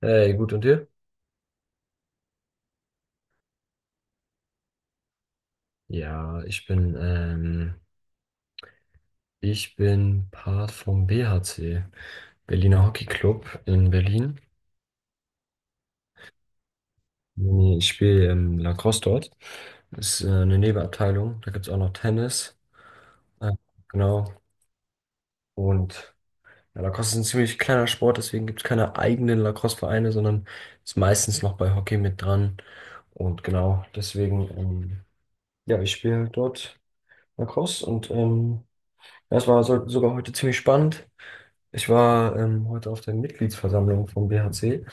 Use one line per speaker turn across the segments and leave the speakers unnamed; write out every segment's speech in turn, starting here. Hey, gut und dir? Ja, ich bin Part vom BHC, Berliner Hockey Club in Berlin. Ich spiele Lacrosse dort. Ist eine Nebenabteilung. Da gibt es auch noch Tennis. Äh, genau. Und ja, Lacrosse ist ein ziemlich kleiner Sport, deswegen gibt es keine eigenen Lacrosse-Vereine, sondern ist meistens noch bei Hockey mit dran. Und genau, deswegen, ja, ich spiele dort Lacrosse und das war so, sogar heute ziemlich spannend. Ich war heute auf der Mitgliedsversammlung vom BHC.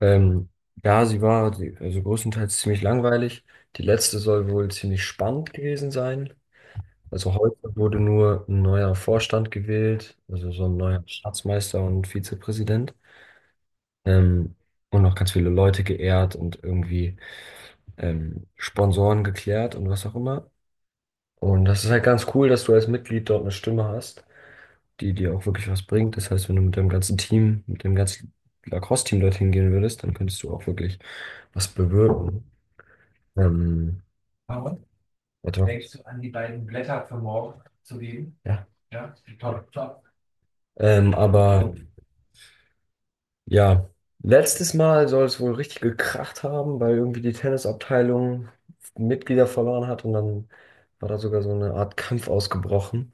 Ähm, ja, also größtenteils ziemlich langweilig. Die letzte soll wohl ziemlich spannend gewesen sein. Also heute wurde nur ein neuer Vorstand gewählt, also so ein neuer Schatzmeister und Vizepräsident. Ähm, und noch ganz viele Leute geehrt und irgendwie Sponsoren geklärt und was auch immer. Und das ist halt ganz cool, dass du als Mitglied dort eine Stimme hast, die dir auch wirklich was bringt. Das heißt, wenn du mit deinem ganzen Team, mit dem ganzen Lacrosse-Team dorthin gehen würdest, dann könntest du auch wirklich was bewirken. Ähm, Paul, warte mal. Denkst du an die beiden Blätter für morgen zu geben? Ja. Ja, top, top. Aber ja, letztes Mal soll es wohl richtig gekracht haben, weil irgendwie die Tennisabteilung Mitglieder verloren hat und dann war da sogar so eine Art Kampf ausgebrochen.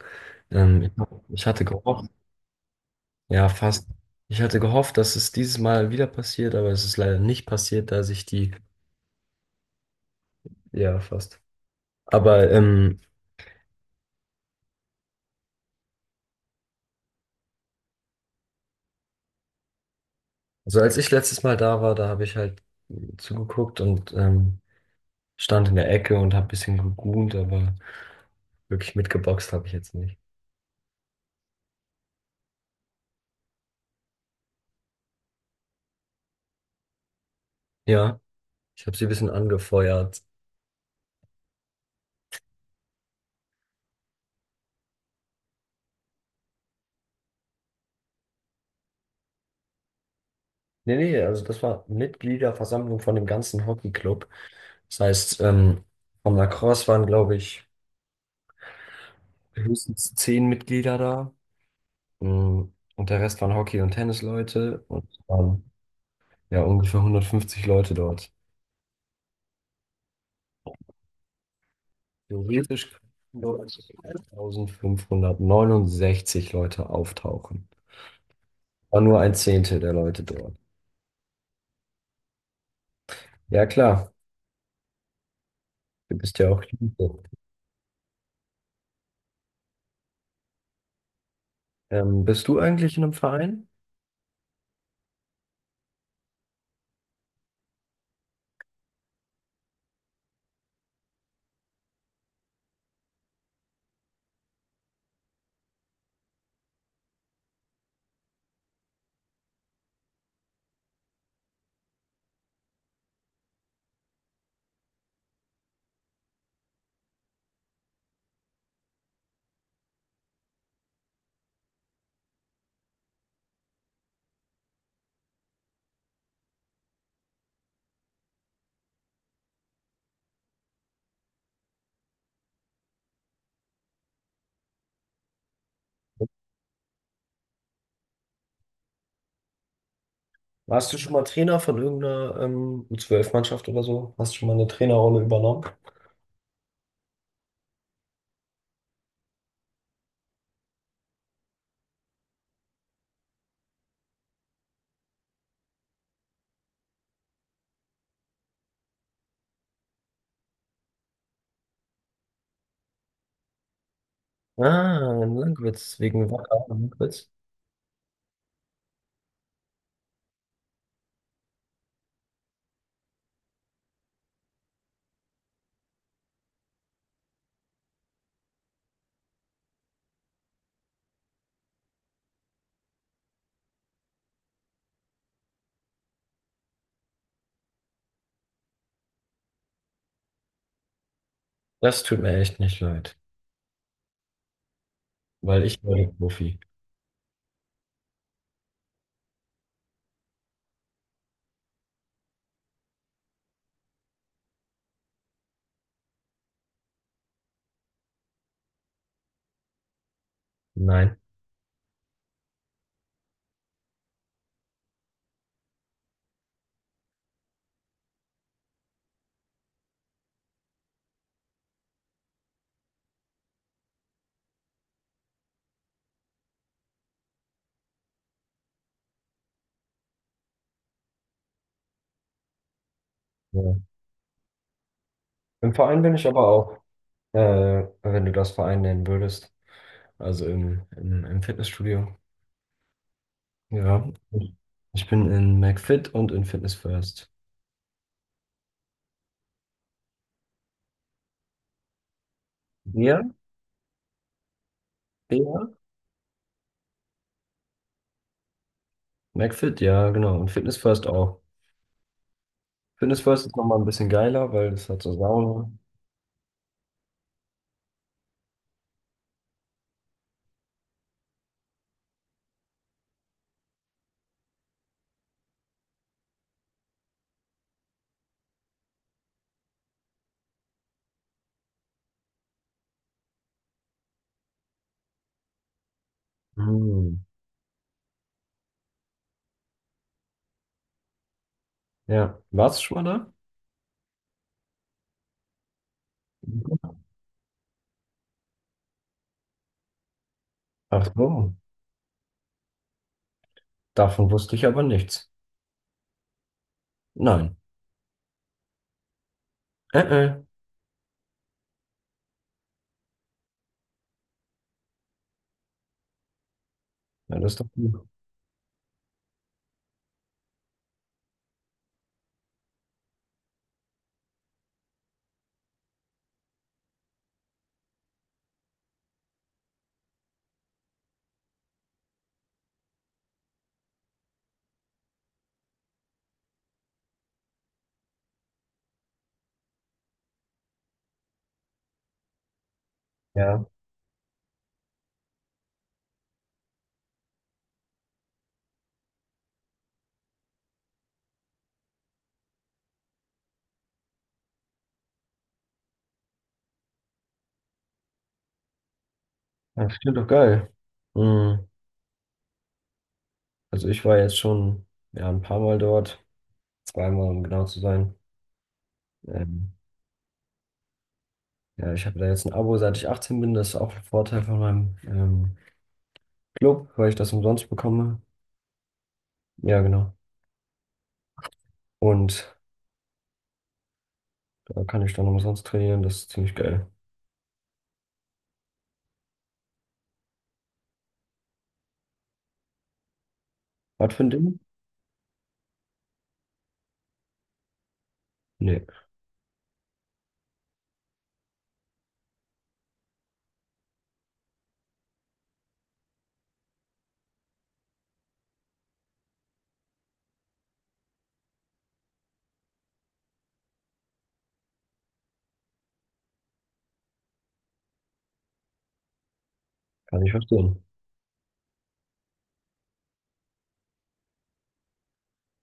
Ähm, ich, ich hatte gehofft, ja, fast. Ich hatte gehofft, dass es dieses Mal wieder passiert, aber es ist leider nicht passiert, da sich die, ja, fast. Aber so als ich letztes Mal da war, da habe ich halt zugeguckt und stand in der Ecke und habe ein bisschen gegoont, aber wirklich mitgeboxt habe ich jetzt nicht. Ja, ich habe sie ein bisschen angefeuert. Nee, nee, also das war Mitgliederversammlung von dem ganzen Hockeyclub. Das heißt, vom Lacrosse waren, glaube ich, höchstens zehn Mitglieder da. Mm, und der Rest waren Hockey- und Tennisleute und es waren ja ungefähr 150 Leute dort. Theoretisch könnten dort 1569 Leute auftauchen. War nur ein Zehntel der Leute dort. Ja klar, du bist ja auch Jude. Bist du eigentlich in einem Verein? Warst du schon mal Trainer von irgendeiner U12-Mannschaft oder so? Hast du schon mal eine Trainerrolle übernommen? Ah, in Lankwitz, wegen Wacker und Lankwitz. Das tut mir echt nicht leid, weil ich war der Profi. Nein. Ja. Im Verein bin ich aber auch, wenn du das Verein nennen würdest. Also im Fitnessstudio. Ja. Ich bin in McFit und in Fitness First. Ja, ja. McFit, ja, genau. Und Fitness First auch. Fitness First ist nochmal ein bisschen geiler, weil es hat so Sauna. Hm. Ja. Warst du schon mal da? Ach so. Davon wusste ich aber nichts. Nein. Äh, äh. Ja, das ist doch gut. Ja. Das klingt doch geil. Hm. Also ich war jetzt schon ja, ein paar Mal dort. Zweimal, um genau zu sein. Ähm, ja, ich habe da jetzt ein Abo, seit ich 18 bin. Das ist auch ein Vorteil von meinem Club, weil ich das umsonst bekomme. Ja, genau. Und da kann ich dann umsonst trainieren. Das ist ziemlich geil. Was für ein Ding? Nee, kann ich verstehen.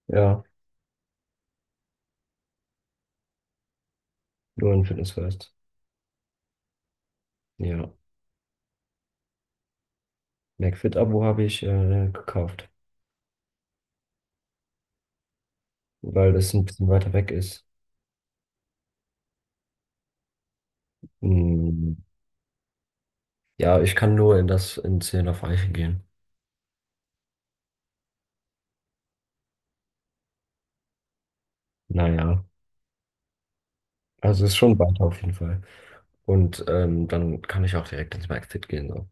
Ja, nur ein Fitnessfest. Ja. McFit-Abo habe ich gekauft, weil das ein bisschen weiter weg ist. Hm. Ja, ich kann nur in das in 10 auf gehen. Naja, also ist schon weiter auf jeden Fall. Und dann kann ich auch direkt ins Maxfit gehen. So.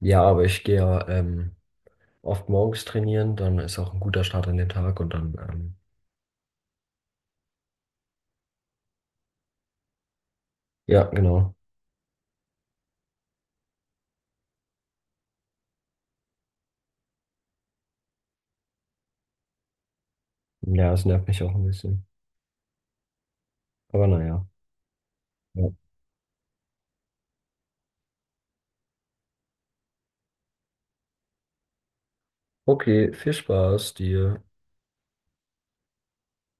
Ja, aber ich gehe ja oft morgens trainieren, dann ist auch ein guter Start in den Tag und dann, ja, genau. Ja, es nervt mich auch ein bisschen. Aber naja. Ja. Okay, viel Spaß dir.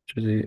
Tschüssi.